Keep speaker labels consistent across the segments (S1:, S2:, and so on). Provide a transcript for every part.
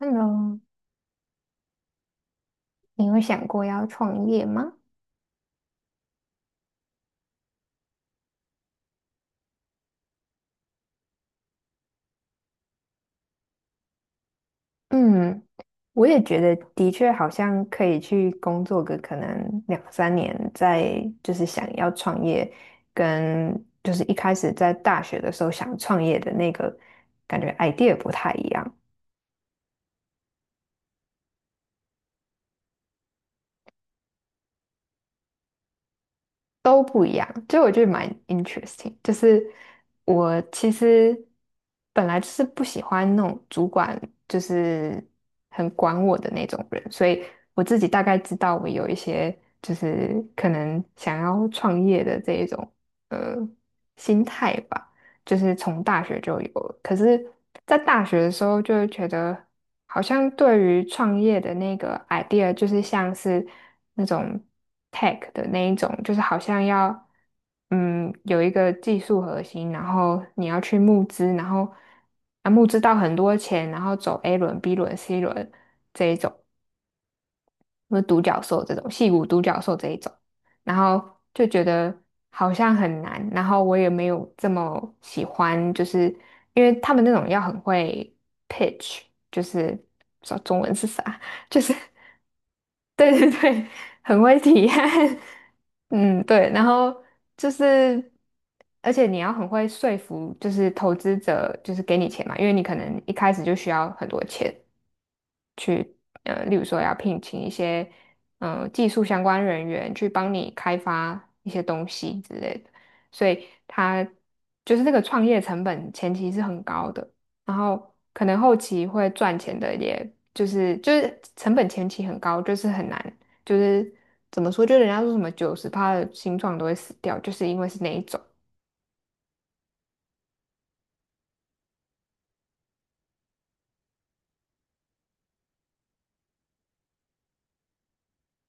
S1: Hello，你有想过要创业吗？嗯，我也觉得的确好像可以去工作个可能两三年，再就是想要创业，跟就是一开始在大学的时候想创业的那个感觉 idea 不太一样。都不一样，就我觉得蛮 interesting。就是我其实本来就是不喜欢那种主管就是很管我的那种人，所以我自己大概知道我有一些就是可能想要创业的这一种呃心态吧。就是从大学就有了。可是，在大学的时候，就会觉得好像对于创业的那个 idea，就是像是那种 tech 的那一种，就是好像要有一个技术核心，然后你要去募资，然后募资到很多钱，然后走 A 轮、B 轮、C 轮这一种。或者独角兽这种，戏骨独角兽这一种，然后就觉得好像很难，然后我也没有这么喜欢，就是因为他们那种要很会 pitch，就是说中文是啥，就是对对对，很会体验，嗯，对，然后就是而且你要很会说服，就是投资者就是给你钱嘛，因为你可能一开始就需要很多钱。例如说要聘请一些技术相关人员去帮你开发一些东西之类的，所以他就是这个创业成本前期是很高的，然后可能后期会赚钱的也就是成本前期很高，就是很难，就是怎么说，就人家说什么90%的新创都会死掉，就是因为是那一种，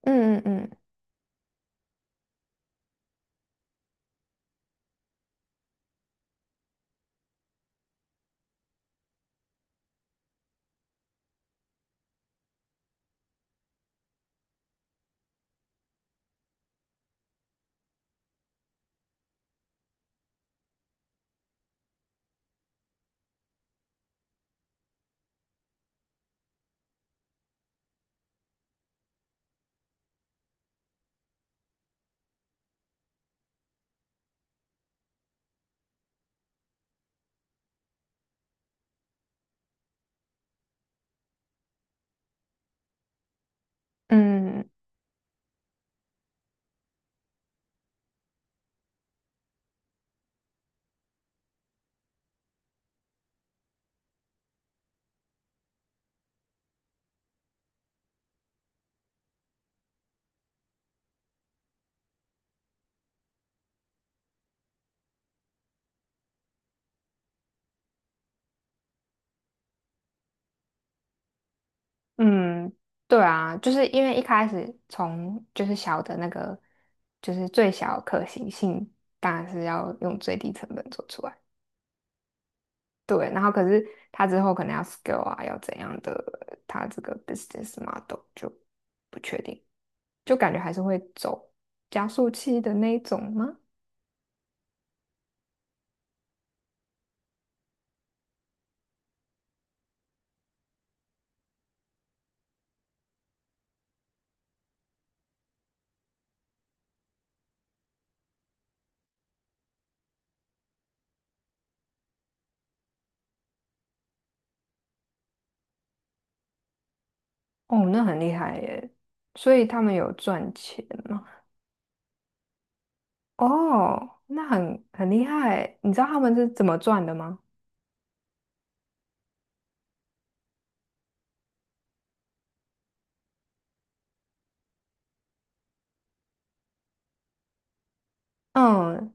S1: 嗯嗯嗯嗯。嗯，对啊，就是因为一开始从就是小的那个，就是最小可行性，当然是要用最低成本做出来。对，然后可是它之后可能要 scale 啊，要怎样的，它这个 business model 就不确定，就感觉还是会走加速器的那一种吗？哦，那很厉害耶！所以他们有赚钱吗？哦，那很厉害耶，你知道他们是怎么赚的吗？嗯，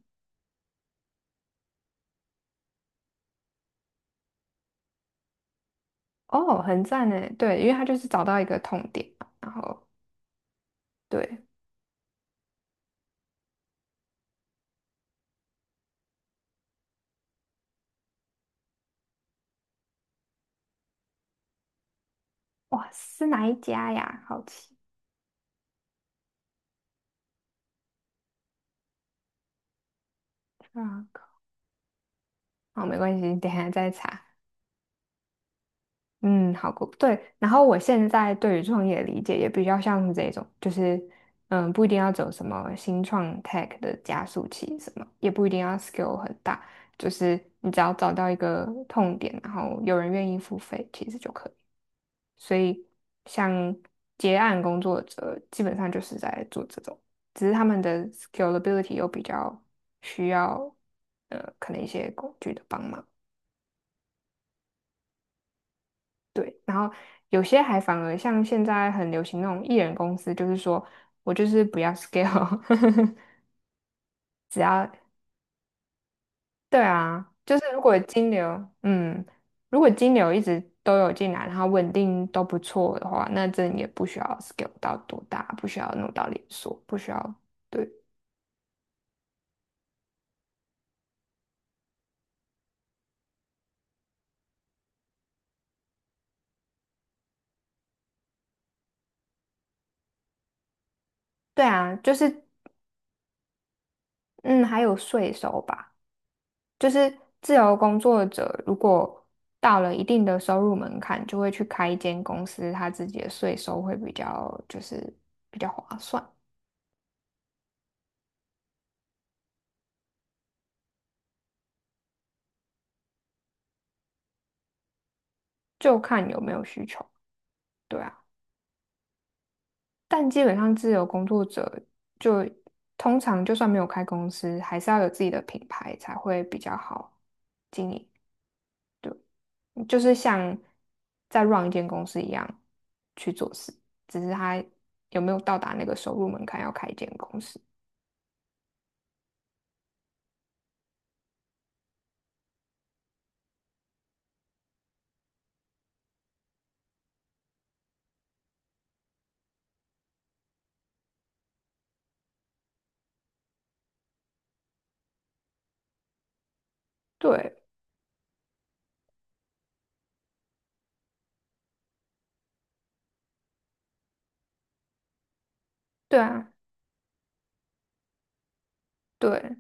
S1: 哦，很赞呢，对，因为他就是找到一个痛点嘛，然后对，哇，是哪一家呀？好奇啊，好，没关系，等一下再查。嗯，好，过，对。然后我现在对于创业的理解也比较像是这种，就是不一定要走什么新创 tech 的加速器，什么也不一定要 skill 很大，就是你只要找到一个痛点，然后有人愿意付费，其实就可以。所以像结案工作者，基本上就是在做这种，只是他们的 scalability 又比较需要，可能一些工具的帮忙。对，然后有些还反而像现在很流行那种艺人公司，就是说我就是不要 scale，只要对啊，就是如果金流，如果金流一直都有进来，然后稳定都不错的话，那真的也不需要 scale 到多大，不需要弄到连锁，不需要。对。对啊，就是嗯，还有税收吧，就是自由工作者如果到了一定的收入门槛，就会去开一间公司，他自己的税收会比较就是比较划算，就看有没有需求。对啊，但基本上自由工作者就通常就算没有开公司，还是要有自己的品牌才会比较好经营。就是像在 run 一间公司一样去做事，只是他有没有到达那个收入门槛要开一间公司。对，对啊，对，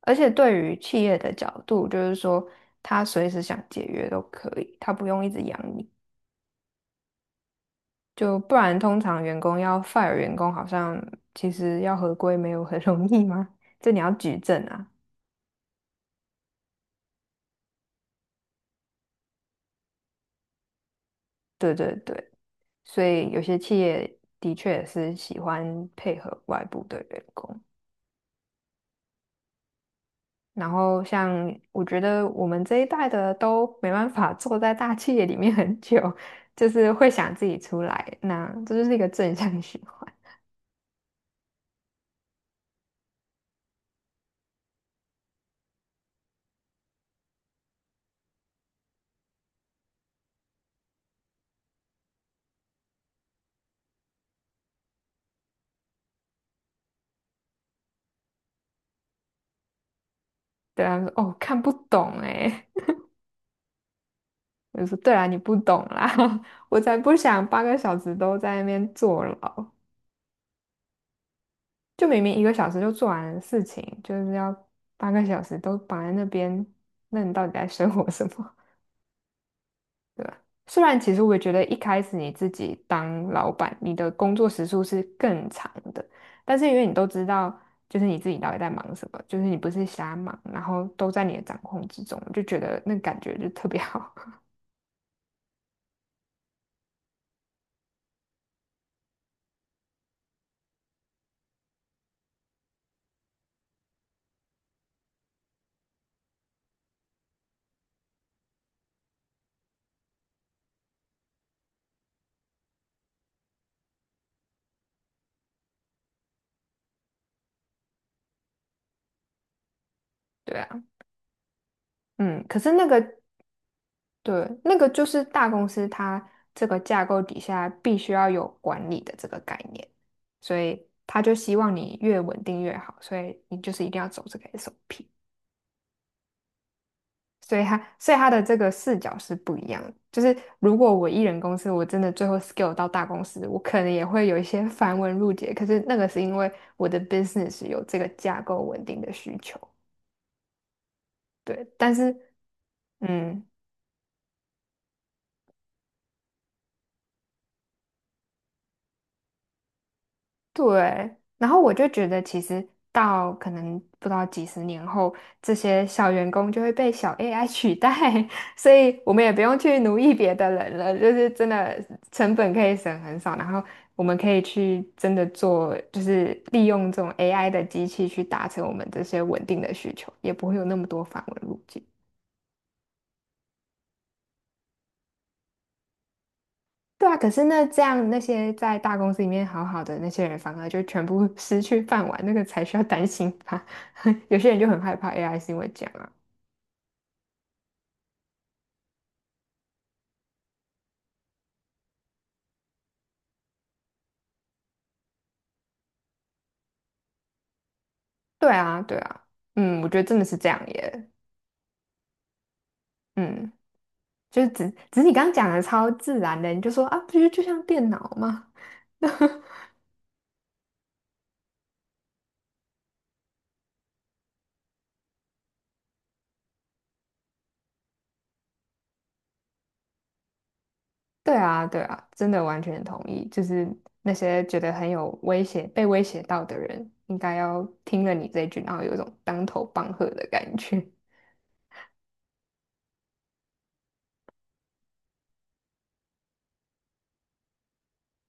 S1: 而且对于企业的角度，就是说他随时想解约都可以，他不用一直养你，就不然通常员工要 fire 员工，好像其实要合规没有很容易吗？这你要举证啊。对对对，所以有些企业的确是喜欢配合外部的员工。然后像我觉得我们这一代的都没办法坐在大企业里面很久，就是会想自己出来，那这就是一个正向循环。对啊，说：“哦，看不懂哎。”我就说：“对啊，你不懂啦，我才不想8个小时都在那边坐牢，就明明1个小时就做完的事情，就是要八个小时都绑在那边，那你到底在生活什么？”对吧？虽然其实我也觉得一开始你自己当老板，你的工作时数是更长的，但是因为你都知道，就是你自己到底在忙什么，就是你不是瞎忙，然后都在你的掌控之中，就觉得那个感觉就特别好。对啊，嗯，可是那个，对，那个就是大公司它这个架构底下必须要有管理的这个概念，所以他就希望你越稳定越好，所以你就是一定要走这个 SOP。所以他的这个视角是不一样的。就是如果我一人公司，我真的最后 scale 到大公司，我可能也会有一些 繁文缛节。可是那个是因为我的 business 有这个架构稳定的需求，对。但是，嗯，对，然后我就觉得，其实到可能不知道几十年后，这些小员工就会被小 AI 取代，所以我们也不用去奴役别的人了，就是真的成本可以省很少，然后我们可以去真的做，就是利用这种 AI 的机器去达成我们这些稳定的需求，也不会有那么多繁文路径。对啊，可是那这样那些在大公司里面好好的那些人，反而就全部 失去饭碗，那个才需要担心吧？有些人就很害怕 AI 是因为这样啊。对啊，对啊，嗯，我觉得真的是这样耶，嗯，就是只是你刚刚讲的超自然的，你就说啊，不就像电脑吗？对啊，对啊，真的完全同意，就是那些觉得很有威胁、被威胁到的人，应该要听了你这一句，然后有一种当头棒喝的感觉。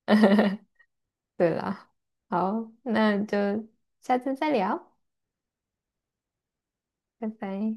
S1: 对啦，好，那就下次再聊，拜拜。